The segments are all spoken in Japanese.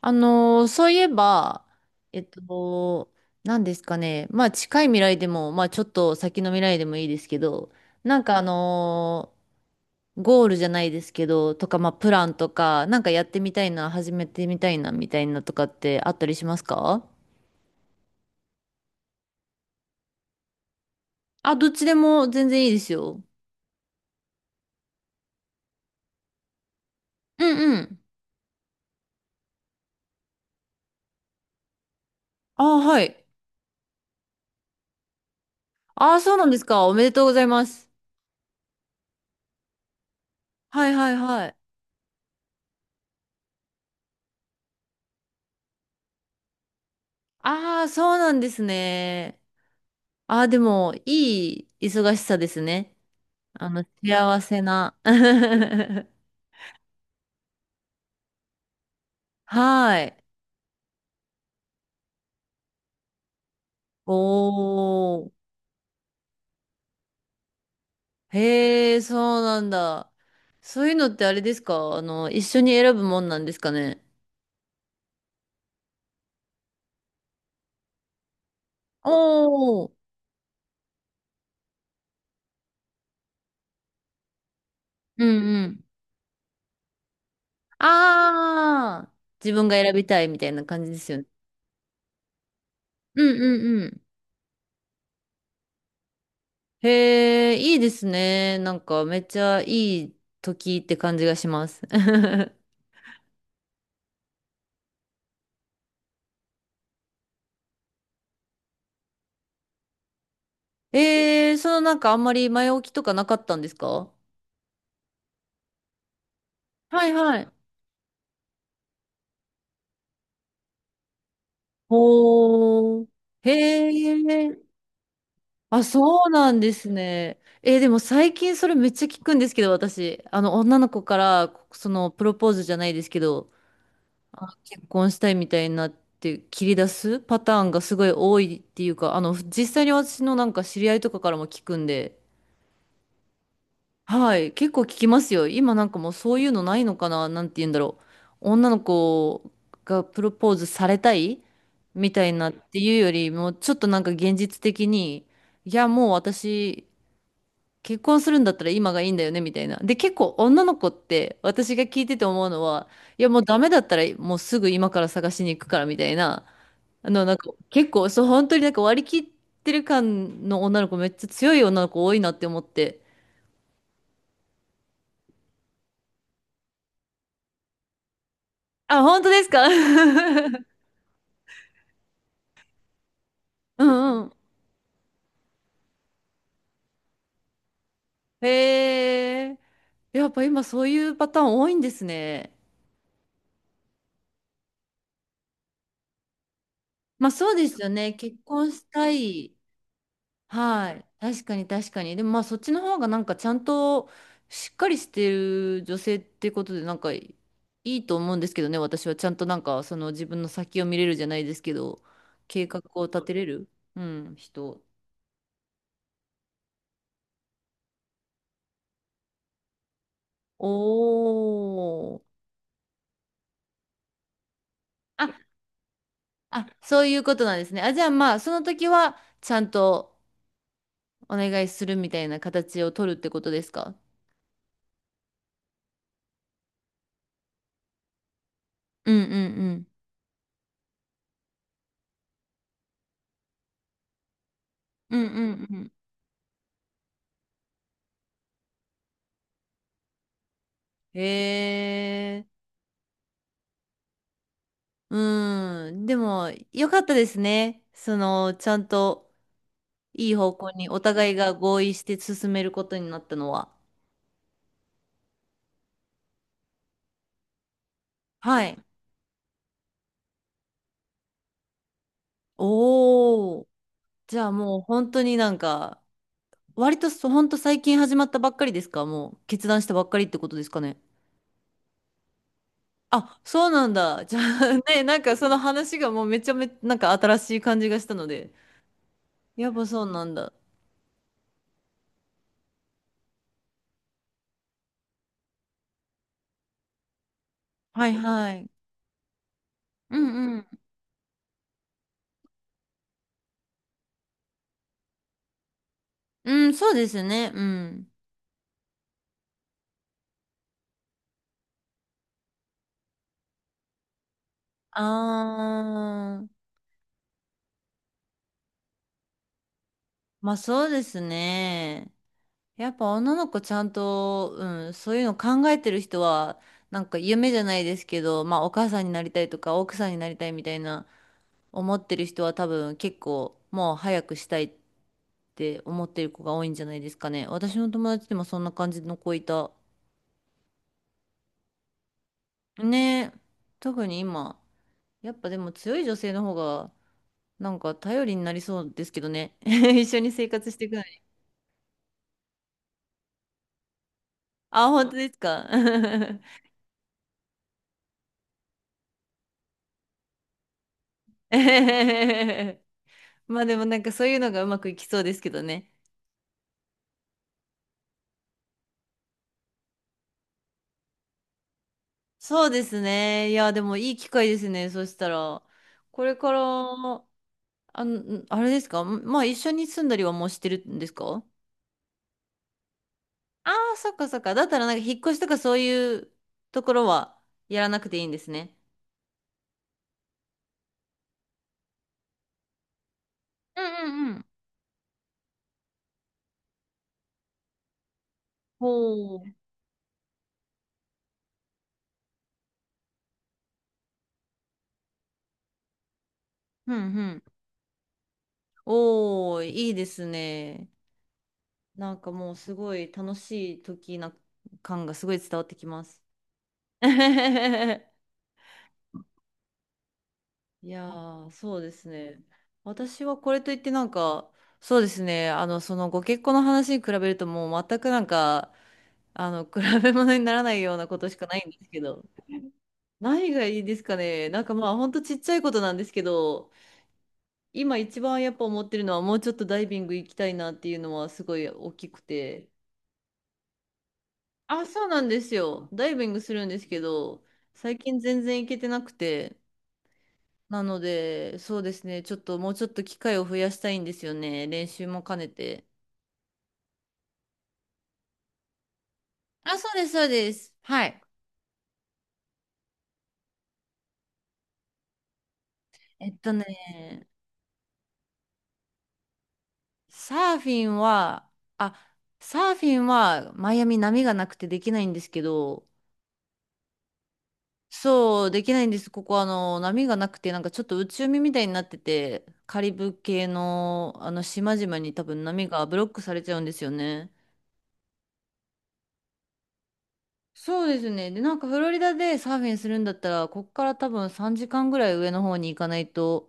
そういえば、えっと、何ですかね。まあ近い未来でも、まあちょっと先の未来でもいいですけど、なんかゴールじゃないですけど、とか、まあプランとか、なんかやってみたいな、始めてみたいな、みたいなとかってあったりしますか？あ、どっちでも全然いいですよ。うんうん。ああ、はい。ああ、そうなんですか。おめでとうございます。はいはいはい。ああ、そうなんですね。ああ、でも、いい忙しさですね。あの、幸せな。はい。おー。へえ、そうなんだ。そういうのってあれですか？あの、一緒に選ぶもんなんですかね？おー。うんうん。ああ、自分が選びたいみたいな感じですよね。うんうんうん。へえ、いいですね。なんかめっちゃいい時って感じがします。そのなんかあんまり前置きとかなかったんですか？はいはい。おー。へえ。あ、そうなんですね。でも最近それめっちゃ聞くんですけど、私。あの、女の子から、その、プロポーズじゃないですけど、結婚したいみたいになって切り出すパターンがすごい多いっていうか、あの、実際に私のなんか知り合いとかからも聞くんで、はい、結構聞きますよ。今なんかもうそういうのないのかな、なんて言うんだろう。女の子がプロポーズされたいみたいなっていうよりも、ちょっとなんか現実的に、いや、もう私、結婚するんだったら今がいいんだよね、みたいな。で、結構女の子って、私が聞いてて思うのは、いや、もうダメだったら、もうすぐ今から探しに行くから、みたいな。あの、なんか、結構、そう、本当になんか割り切ってる感の女の子、めっちゃ強い女の子多いなって思って。あ、本当ですか？ うんうん。へえ。やっぱ今そういうパターン多いんですね。まあそうですよね。結婚したい。はい。確かに確かに。でもまあそっちの方がなんかちゃんとしっかりしてる女性ってことでなんかいいと思うんですけどね。私はちゃんとなんかその自分の先を見れるじゃないですけど、計画を立てれる、うん、人。おー。あ、あ、そういうことなんですね。あ、じゃあまあ、その時は、ちゃんとお願いするみたいな形を取るってことですか？うんうんうん。うんうんうん。へえ。うん。でも、よかったですね。その、ちゃんといい方向にお互いが合意して進めることになったのは。はい。おお。じゃあもう本当になんか、割と本当最近始まったばっかりですか？もう決断したばっかりってことですかね。あ、そうなんだ。じゃあ ね、なんかその話がもうめちゃめちゃなんか新しい感じがしたので。やっぱそうなんだ。はいはい。うんうん。うん、そうですね。うん。あー、まあそうですね。やっぱ女の子ちゃんと、うん、そういうの考えてる人は、なんか夢じゃないですけど、まあお母さんになりたいとか奥さんになりたいみたいな思ってる人は多分結構もう早くしたいって思ってる子が多いんじゃないですかね。私の友達でもそんな感じの子いた。ねえ、特に今、やっぱでも強い女性の方がなんか頼りになりそうですけどね。一緒に生活していくのに。あ、本当ですか。えへへへまあでもなんかそういうのがうまくいきそうですけどね。そうですね。いや、でもいい機会ですね。そしたら、これから、あの、あれですか？まあ一緒に住んだりはもうしてるんですか？ああ、そっかそっか。だったらなんか引っ越しとかそういうところはやらなくていいんですね。うんうんうん。おー。うんうん。おー、いいですね。なんかもうすごい楽しい時な感がすごい伝わってきます。いやー、そうですね。私はこれといってなんか、そうですね。あの、そのご結婚の話に比べるともう全くなんか、あの、比べ物にならないようなことしかないんですけど。何がいいですかね。なんかまあほんとちっちゃいことなんですけど、今一番やっぱ思ってるのはもうちょっとダイビング行きたいなっていうのはすごい大きくて。あ、そうなんですよ。ダイビングするんですけど、最近全然行けてなくて。なので、そうですね。ちょっともうちょっと機会を増やしたいんですよね。練習も兼ねて。あ、そうです、そうです。はい。えっとね、サーフィンは、あ、サーフィンはマイアミ波がなくてできないんですけど、そう、できないんです。ここ、あの、波がなくて、なんかちょっと内海みたいになってて、カリブ系の、あの、島々に多分波がブロックされちゃうんですよね。そうですね。で、なんかフロリダでサーフィンするんだったら、こっから多分3時間ぐらい上の方に行かないと、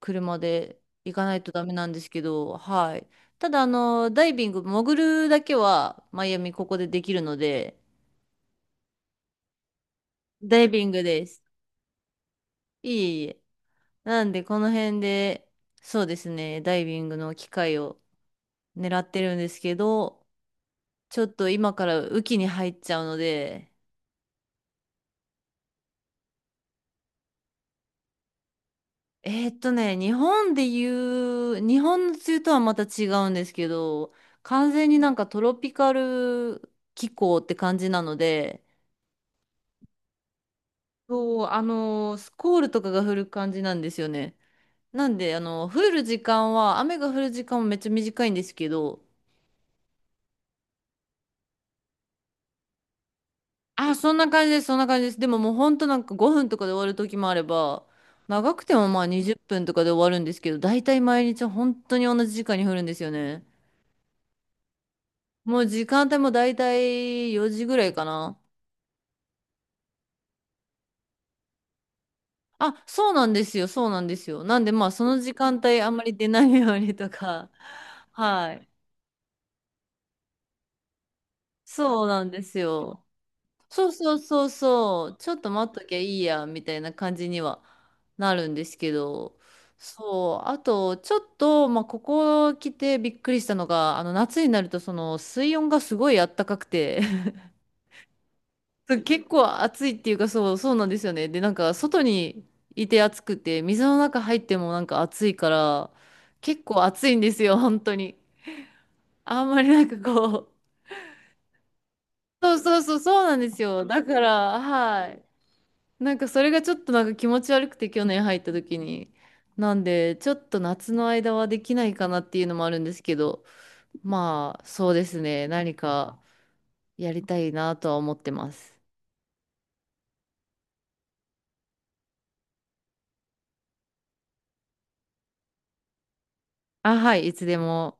車で行かないとダメなんですけど、はい。ただ、あの、ダイビング、潜るだけは、マイアミここでできるので、ダイビングです。いえいえ。なんで、この辺で、そうですね、ダイビングの機会を狙ってるんですけど、ちょっと今から雨季に入っちゃうので、日本で言う、日本の梅雨とはまた違うんですけど、完全になんかトロピカル気候って感じなので、そう、スコールとかが降る感じなんですよね。なんで、あの、降る時間は、雨が降る時間もめっちゃ短いんですけど、あ、そんな感じです、そんな感じです。でももうほんとなんか5分とかで終わる時もあれば、長くてもまあ20分とかで終わるんですけど、大体毎日本当に同じ時間に降るんですよね。もう時間帯も大体4時ぐらいかな。あ、そうなんですよ、そうなんですよ。なんでまあその時間帯あんまり出ないようにとか、はい。そうなんですよ。そうそうそうそう、ちょっと待っときゃいいや、みたいな感じにはなるんですけど、そう、あと、ちょっと、まあ、ここ来てびっくりしたのが、あの、夏になると、その、水温がすごいあったかくて、そう結構暑いっていうか、そう、そうなんですよね。で、なんか、外にいて暑くて、水の中入ってもなんか暑いから、結構暑いんですよ、本当に。あんまりなんかこう、そうそうそう、そうなんですよ。だから、はい。なんかそれがちょっとなんか気持ち悪くて去年入った時に。なんで、ちょっと夏の間はできないかなっていうのもあるんですけど、まあそうですね、何かやりたいなとは思ってます。あ、はい、いつでも。